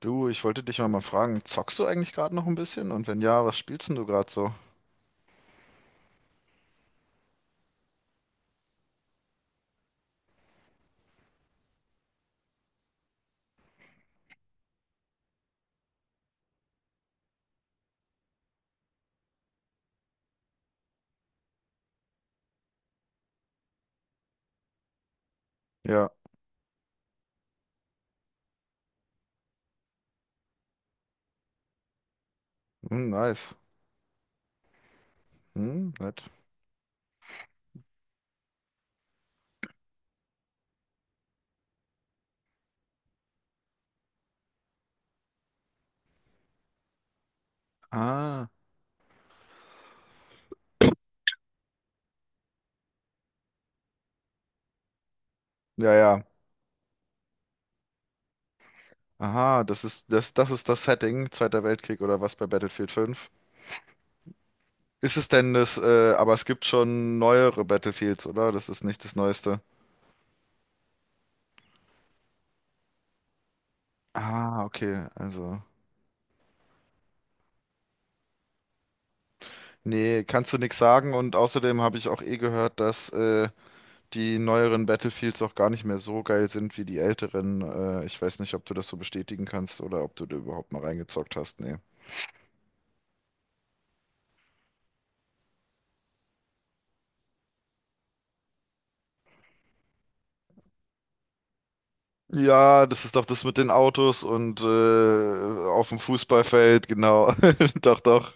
Du, ich wollte dich mal fragen, zockst du eigentlich gerade noch ein bisschen? Und wenn ja, was spielst denn du gerade so? Ja, hm, nice. Hm, nett. Ah, ja, ja. Aha, das ist das Setting, Zweiter Weltkrieg oder was bei Battlefield fünf? Ist es denn das, aber es gibt schon neuere Battlefields, oder? Das ist nicht das Neueste. Ah, okay, also. Nee, kannst du nichts sagen und außerdem habe ich auch eh gehört, dass die neueren Battlefields auch gar nicht mehr so geil sind wie die älteren. Ich weiß nicht, ob du das so bestätigen kannst oder ob du da überhaupt mal reingezockt hast. Nee. Ja, das ist doch das mit den Autos und auf dem Fußballfeld, genau. Doch, doch.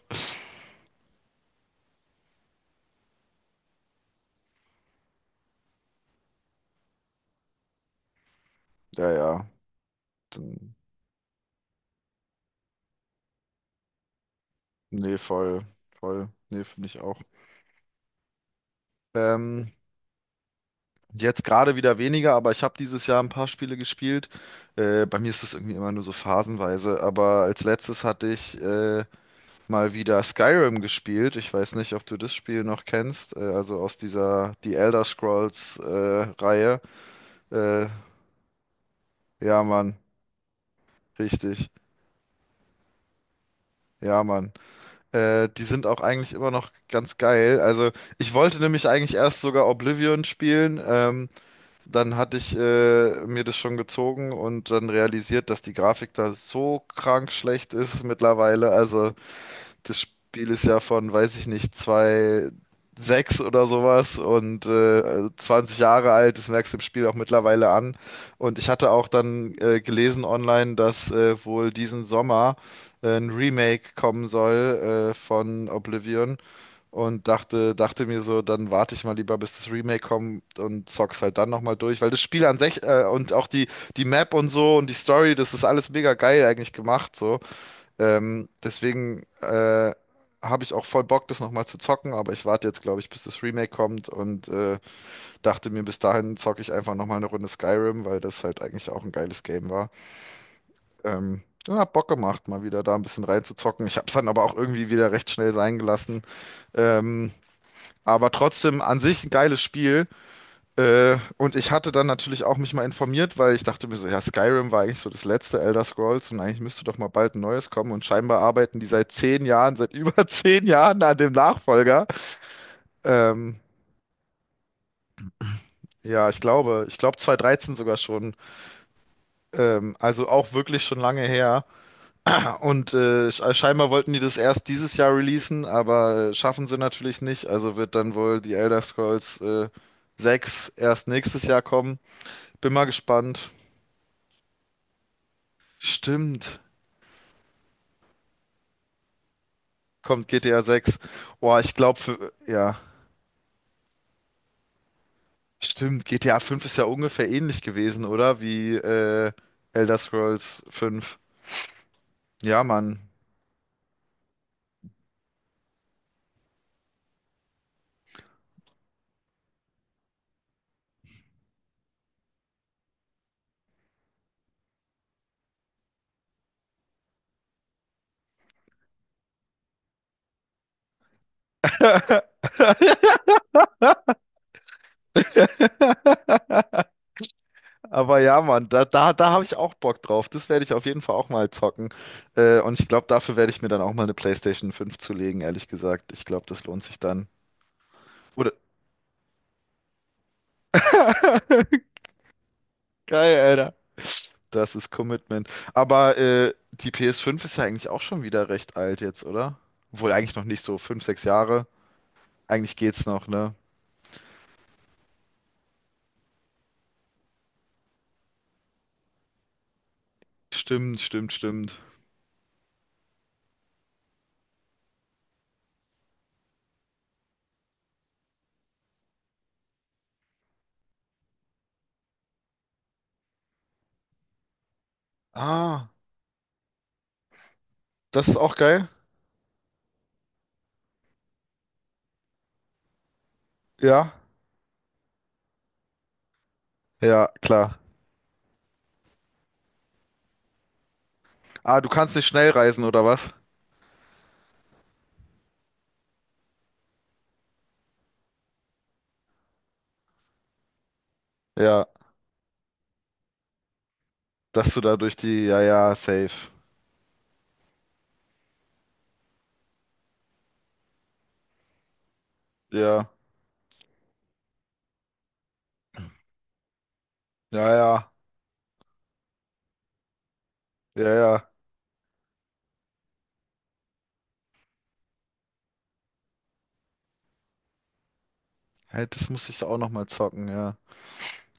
Ja, ja. Dann- Nee, voll. Voll. Nee, finde ich auch. Ähm, jetzt gerade wieder weniger, aber ich habe dieses Jahr ein paar Spiele gespielt. Bei mir ist das irgendwie immer nur so phasenweise, aber als letztes hatte ich mal wieder Skyrim gespielt. Ich weiß nicht, ob du das Spiel noch kennst. Also aus dieser die Elder Scrolls Reihe. Äh, ja, Mann, richtig. Ja, Mann. Die sind auch eigentlich immer noch ganz geil. Also ich wollte nämlich eigentlich erst sogar Oblivion spielen. Dann hatte ich mir das schon gezogen und dann realisiert, dass die Grafik da so krank schlecht ist mittlerweile. Also das Spiel ist ja von, weiß ich nicht, zwei sechs oder sowas und 20 Jahre alt, das merkst du im Spiel auch mittlerweile an. Und ich hatte auch dann gelesen online, dass wohl diesen Sommer ein Remake kommen soll von Oblivion und dachte mir so, dann warte ich mal lieber, bis das Remake kommt und zock's halt dann nochmal durch, weil das Spiel an sich und auch die Map und so und die Story, das ist alles mega geil eigentlich gemacht, so. Deswegen habe ich auch voll Bock, das nochmal zu zocken, aber ich warte jetzt, glaube ich, bis das Remake kommt und dachte mir, bis dahin zocke ich einfach nochmal eine Runde Skyrim, weil das halt eigentlich auch ein geiles Game war. Ja, hab Bock gemacht, mal wieder da ein bisschen reinzuzocken. Ich habe dann aber auch irgendwie wieder recht schnell sein gelassen. Ähm, aber trotzdem an sich ein geiles Spiel. Und ich hatte dann natürlich auch mich mal informiert, weil ich dachte mir so, ja, Skyrim war eigentlich so das letzte Elder Scrolls und eigentlich müsste doch mal bald ein neues kommen und scheinbar arbeiten die seit 10 Jahren, seit über 10 Jahren an dem Nachfolger. Ähm, ja, ich glaube 2013 sogar schon. Also auch wirklich schon lange her. Ja, und scheinbar wollten die das erst dieses Jahr releasen, aber schaffen sie natürlich nicht. Also wird dann wohl die Elder Scrolls 6 erst nächstes Jahr kommen. Bin mal gespannt. Stimmt. Kommt GTA sechs. Boah, ich glaube, für, ja, stimmt, GTA fünf ist ja ungefähr ähnlich gewesen, oder? Wie Elder Scrolls 5. Ja, Mann. Aber ja, Mann, da habe ich auch Bock drauf. Das werde ich auf jeden Fall auch mal zocken. Und ich glaube, dafür werde ich mir dann auch mal eine PlayStation fünf zulegen, ehrlich gesagt. Ich glaube, das lohnt sich dann. Oder? Geil, Alter. Das ist Commitment. Aber die PS fünf ist ja eigentlich auch schon wieder recht alt jetzt, oder? Obwohl eigentlich noch nicht so fünf, sechs Jahre. Eigentlich geht's noch, ne? Stimmt, stimmt, stimmt. Ah, das ist auch geil. Ja, ja, klar. Ah, du kannst nicht schnell reisen oder was? Ja, dass du da durch die, ja, ja, safe. Ja, ja, ja, ja, ja. Hey, das muss ich auch noch mal zocken, ja.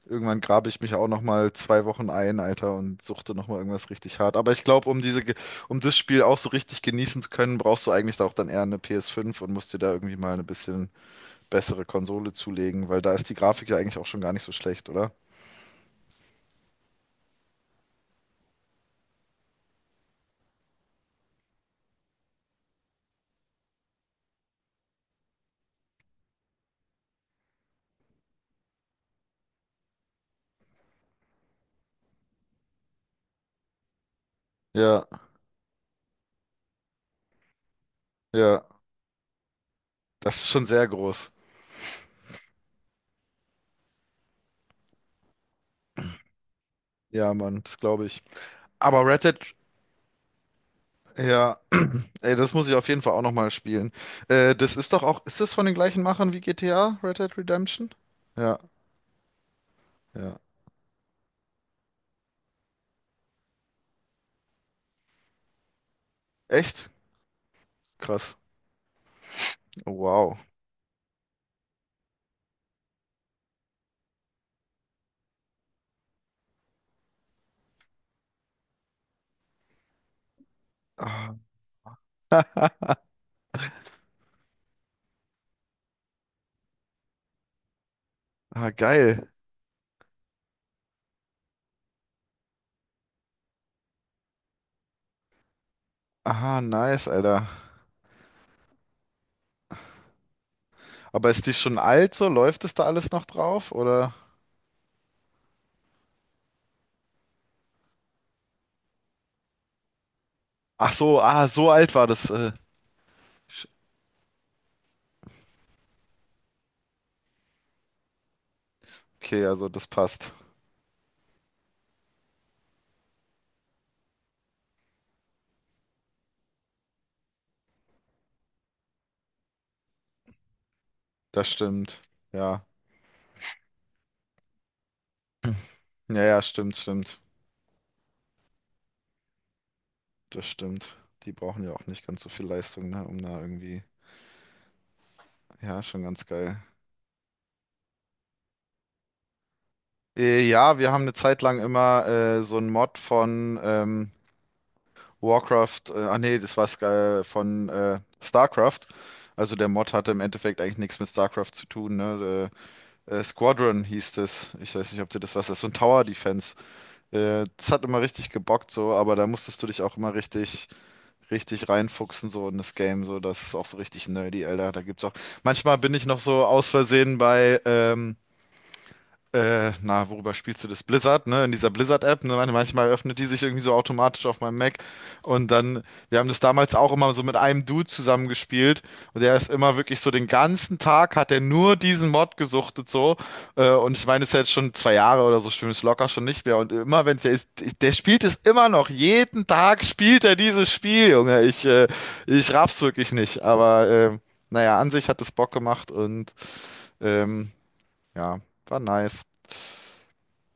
Irgendwann grabe ich mich auch noch mal 2 Wochen ein, Alter, und suchte noch mal irgendwas richtig hart. Aber ich glaube, um das Spiel auch so richtig genießen zu können, brauchst du eigentlich auch dann eher eine PS5 und musst dir da irgendwie mal eine bisschen bessere Konsole zulegen, weil da ist die Grafik ja eigentlich auch schon gar nicht so schlecht, oder? Ja, ja, das ist schon sehr groß. Ja, Mann, das glaube ich. Aber Red Dead, ja, ey, das muss ich auf jeden Fall auch noch mal spielen. Das ist doch auch, ist das von den gleichen Machern wie GTA, Red Dead Redemption? Ja, ja. Echt? Krass. Wow. Ah, ah, geil. Aha, nice, Alter. Aber ist die schon alt so? Läuft es da alles noch drauf? Oder? Ach so, ah, so alt war das. Sch- Okay, also das passt. Das stimmt. Ja. Ja, ja, stimmt, stimmt. Das stimmt. Die brauchen ja auch nicht ganz so viel Leistung, ne? Um da irgendwie. Ja, schon ganz geil. Ja, wir haben eine Zeit lang immer so einen Mod von Warcraft, ah nee, das war Sky von StarCraft. Also der Mod hatte im Endeffekt eigentlich nichts mit StarCraft zu tun, ne? Squadron hieß das. Ich weiß nicht, ob dir das was ist. So ein Tower Defense. Das hat immer richtig gebockt so, aber da musstest du dich auch immer richtig, richtig reinfuchsen so in das Game. So, das ist auch so richtig nerdy, Alter. Da gibt's auch. Manchmal bin ich noch so aus Versehen bei na, worüber spielst du das? Blizzard, ne? In dieser Blizzard-App, ne? Manchmal öffnet die sich irgendwie so automatisch auf meinem Mac. Und dann, wir haben das damals auch immer so mit einem Dude zusammengespielt. Und der ist immer wirklich so den ganzen Tag hat er nur diesen Mod gesuchtet so. Und ich meine, es ist ja jetzt schon 2 Jahre oder so, stimmt es locker schon nicht mehr. Und immer, wenn der ist, der spielt es immer noch. Jeden Tag spielt er dieses Spiel, Junge. Ich raff's wirklich nicht. Aber, naja, an sich hat es Bock gemacht und, ähm, ja, war nice.